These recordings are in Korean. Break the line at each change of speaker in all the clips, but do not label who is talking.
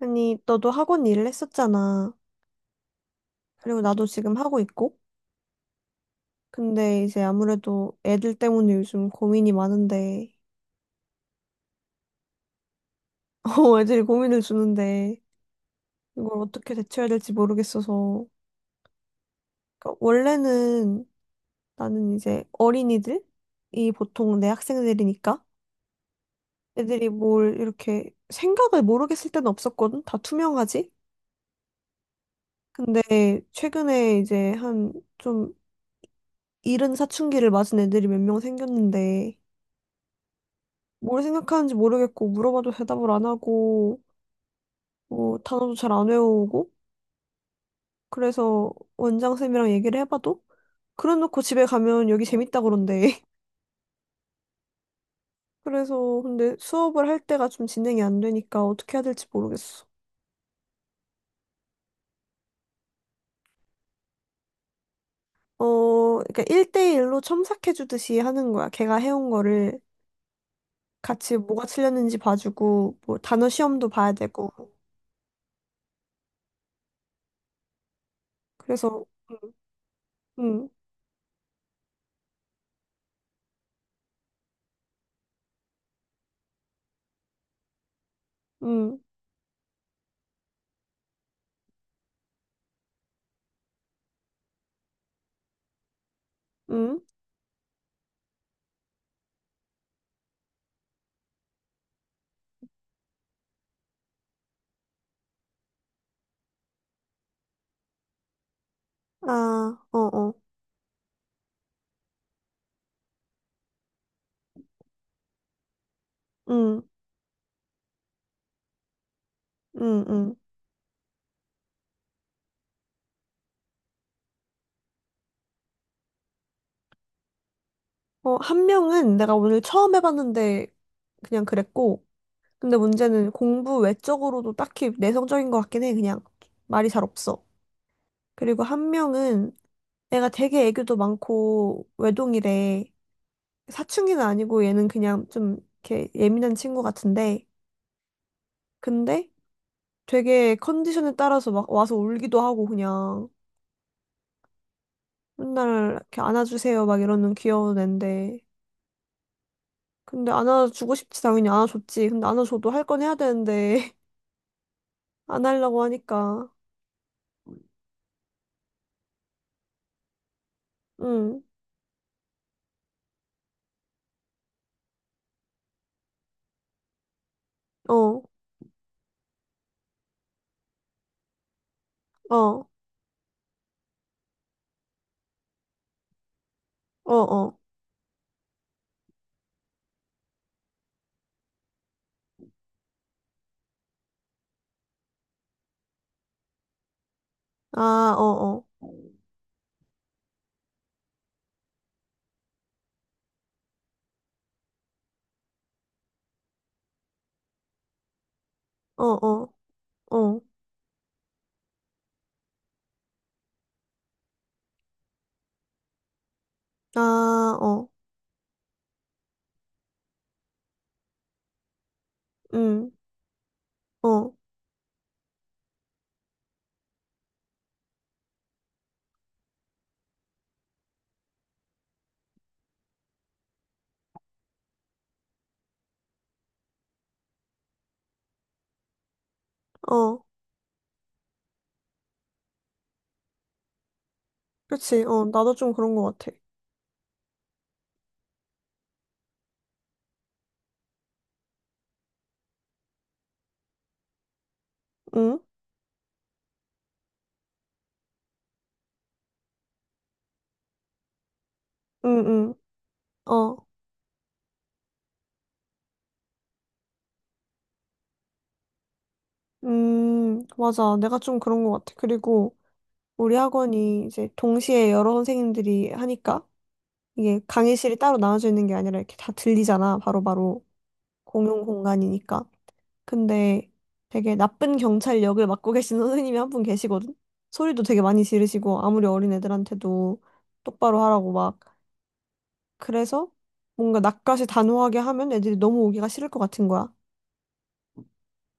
아니, 너도 학원 일을 했었잖아. 그리고 나도 지금 하고 있고. 근데 이제 아무래도 애들 때문에 요즘 고민이 많은데, 어, 애들이 고민을 주는데, 이걸 어떻게 대처해야 될지 모르겠어서. 그러니까 원래는 나는 이제 어린이들이 보통 내 학생들이니까 애들이 뭘 이렇게 생각을 모르겠을 때는 없었거든. 다 투명하지? 근데 최근에 이제 한 좀 이른 사춘기를 맞은 애들이 몇 명 생겼는데, 뭘 생각하는지 모르겠고 물어봐도 대답을 안 하고 어, 단어도 잘 안 외우고 그래서 원장쌤이랑 얘기를 해봐도 그래놓고 집에 가면 여기 재밌다 그런대. 그래서 근데 수업을 할 때가 좀 진행이 안 되니까 어떻게 해야 될지 모르겠어. 어, 그러니까 1대1로 첨삭해주듯이 하는 거야. 걔가 해온 거를 같이 뭐가 틀렸는지 봐주고 뭐 단어 시험도 봐야 되고 그래서 음, 음, 음, 아, 어, 어, 음, 음, 음. 어, 한 명은 내가 오늘 처음 해봤는데 그냥 그랬고, 근데 문제는 공부 외적으로도 딱히 내성적인 것 같긴 해. 그냥 말이 잘 없어. 그리고 한 명은 애가 되게 애교도 많고 외동이래. 사춘기는 아니고 얘는 그냥 좀 이렇게 예민한 친구 같은데, 근데 되게 컨디션에 따라서 막 와서 울기도 하고 그냥 맨날 이렇게 안아주세요 막 이러는 귀여운 앤데. 근데 안아주고 싶지 당연히 안아줬지. 근데 안아줘도 할 건 해야 되는데. 안 하려고 하니까. 응, 어, 어, 어, 어. 아, 어, 어, 어, 어, 어. 아, 어, 응, 어, 어. 그치, 어, 나도 좀 그런 것 같아. 응, 응, 응, 어. 맞아. 내가 좀 그런 것 같아. 그리고 우리 학원이 이제 동시에 여러 선생님들이 하니까 이게 강의실이 따로 나눠져 있는 게 아니라 이렇게 다 들리잖아. 바로바로 공용 공간이니까. 근데 되게 나쁜 경찰 역을 맡고 계신 선생님이 한 분 계시거든? 소리도 되게 많이 지르시고, 아무리 어린 애들한테도 똑바로 하라고 막. 그래서 뭔가 낯가시 단호하게 하면 애들이 너무 오기가 싫을 것 같은 거야.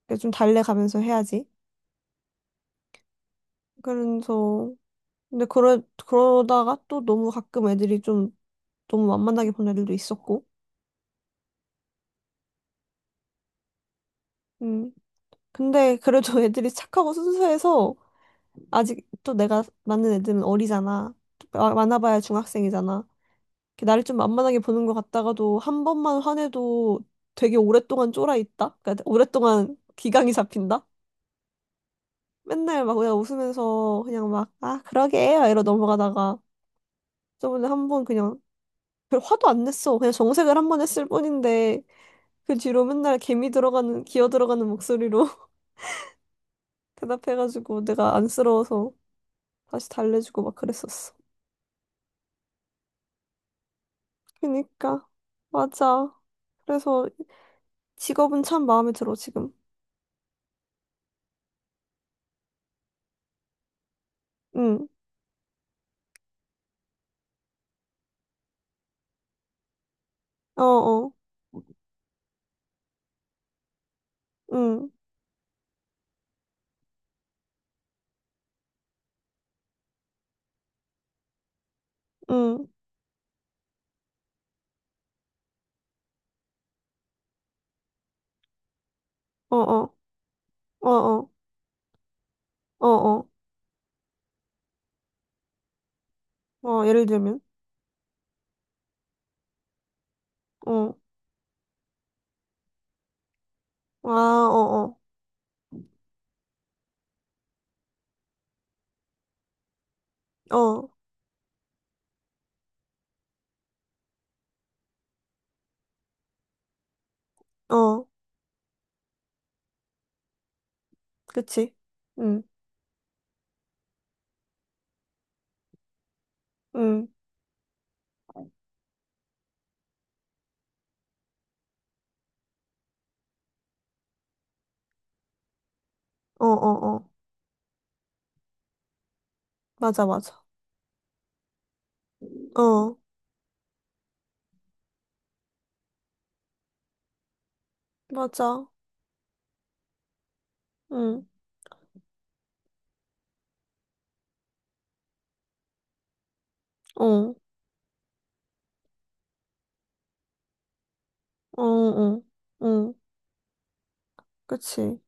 그래서 좀 달래가면서 해야지. 그래서, 근데 그러다가 또 너무 가끔 애들이 좀 너무 만만하게 본 애들도 있었고. 음. 근데 그래도 애들이 착하고 순수해서 아직 또 내가 맞는 애들은 어리잖아. 또 많아봐야 중학생이잖아. 이렇게 나를 좀 만만하게 보는 것 같다가도 한 번만 화내도 되게 오랫동안 쫄아 있다? 그러니까 오랫동안 기강이 잡힌다? 맨날 막 그냥 웃으면서 그냥 막, 아, 그러게. 막 이러고 넘어가다가 저번에 한 번 그냥 별 화도 안 냈어. 그냥 정색을 한 번 했을 뿐인데 그 뒤로 맨날 개미 들어가는, 기어 들어가는 목소리로 대답해가지고 내가 안쓰러워서 다시 달래주고 막 그랬었어. 그니까. 맞아. 그래서 직업은 참 마음에 들어, 지금. 응. 어어. 응. 응, 어, 어, 어, 어, 어, 어, 어, 예를 들면, 어, 아, 어, 어, 어, 어, 그치. 응, 응, 어, 어, 어, 맞아, 맞아. 어, 맞아. 응, 어, 어, 어, 응, 그치.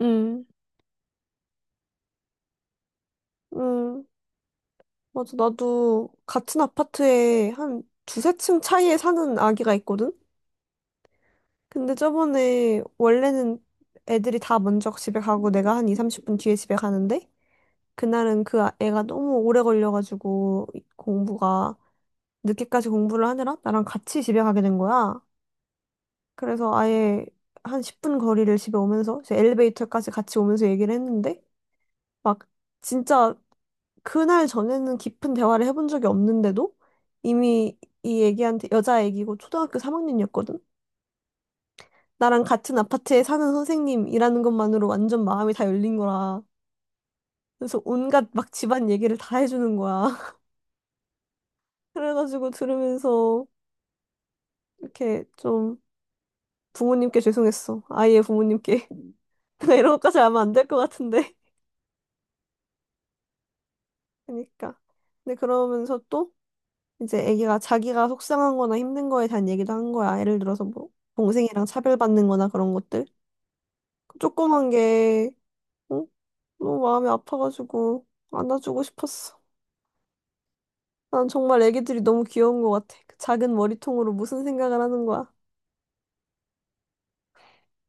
응, 응, 맞아. 나도 같은 아파트에 한 두세 층 차이에 사는 아기가 있거든? 근데 저번에 원래는 애들이 다 먼저 집에 가고 내가 한 2, 30분 뒤에 집에 가는데 그날은 그 애가 너무 오래 걸려가지고 공부가 늦게까지 공부를 하느라 나랑 같이 집에 가게 된 거야. 그래서 아예 한 10분 거리를 집에 오면서 이제 엘리베이터까지 같이 오면서 얘기를 했는데 막 진짜 그날 전에는 깊은 대화를 해본 적이 없는데도 이미 이 애기한테 여자 애기고 초등학교 3학년이었거든. 나랑 같은 아파트에 사는 선생님이라는 것만으로 완전 마음이 다 열린 거라. 그래서 온갖 막 집안 얘기를 다 해주는 거야. 그래가지고 들으면서 이렇게 좀 부모님께 죄송했어. 아이의 부모님께. 내가 이런 것까지 하면 안 될 것 같은데. 그러니까. 근데 그러면서 또 이제 애기가 자기가 속상한 거나 힘든 거에 대한 얘기도 한 거야. 예를 들어서 뭐 동생이랑 차별받는 거나 그런 것들. 조그만 게 응? 너무 마음이 아파가지고 안아주고 싶었어. 난 정말 애기들이 너무 귀여운 것 같아. 그 작은 머리통으로 무슨 생각을 하는 거야.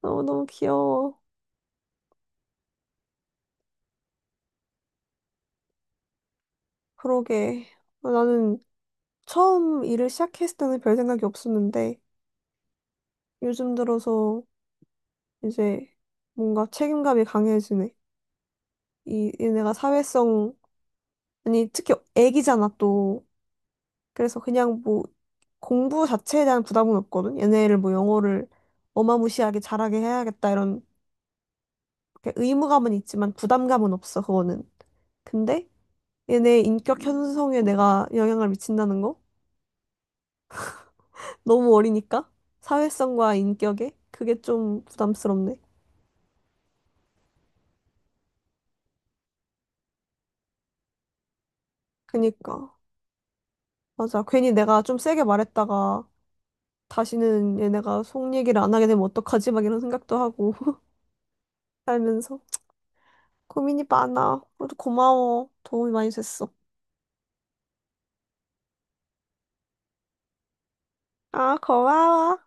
너무너무 귀여워. 그러게. 나는 처음 일을 시작했을 때는 별 생각이 없었는데 요즘 들어서 이제 뭔가 책임감이 강해지네. 이, 얘네가 사회성, 아니, 특히 애기잖아, 또. 그래서 그냥 뭐 공부 자체에 대한 부담은 없거든. 얘네를 뭐 영어를 어마무시하게 잘하게 해야겠다, 이런 이렇게 의무감은 있지만 부담감은 없어, 그거는. 근데 얘네 인격 형성에 내가 영향을 미친다는 거? 너무 어리니까? 사회성과 인격에? 그게 좀 부담스럽네. 그니까. 맞아. 괜히 내가 좀 세게 말했다가 다시는 얘네가 속 얘기를 안 하게 되면 어떡하지? 막 이런 생각도 하고 살면서 고민이 많아. 그래도 고마워. 도움이 많이 됐어. 아, 고마워.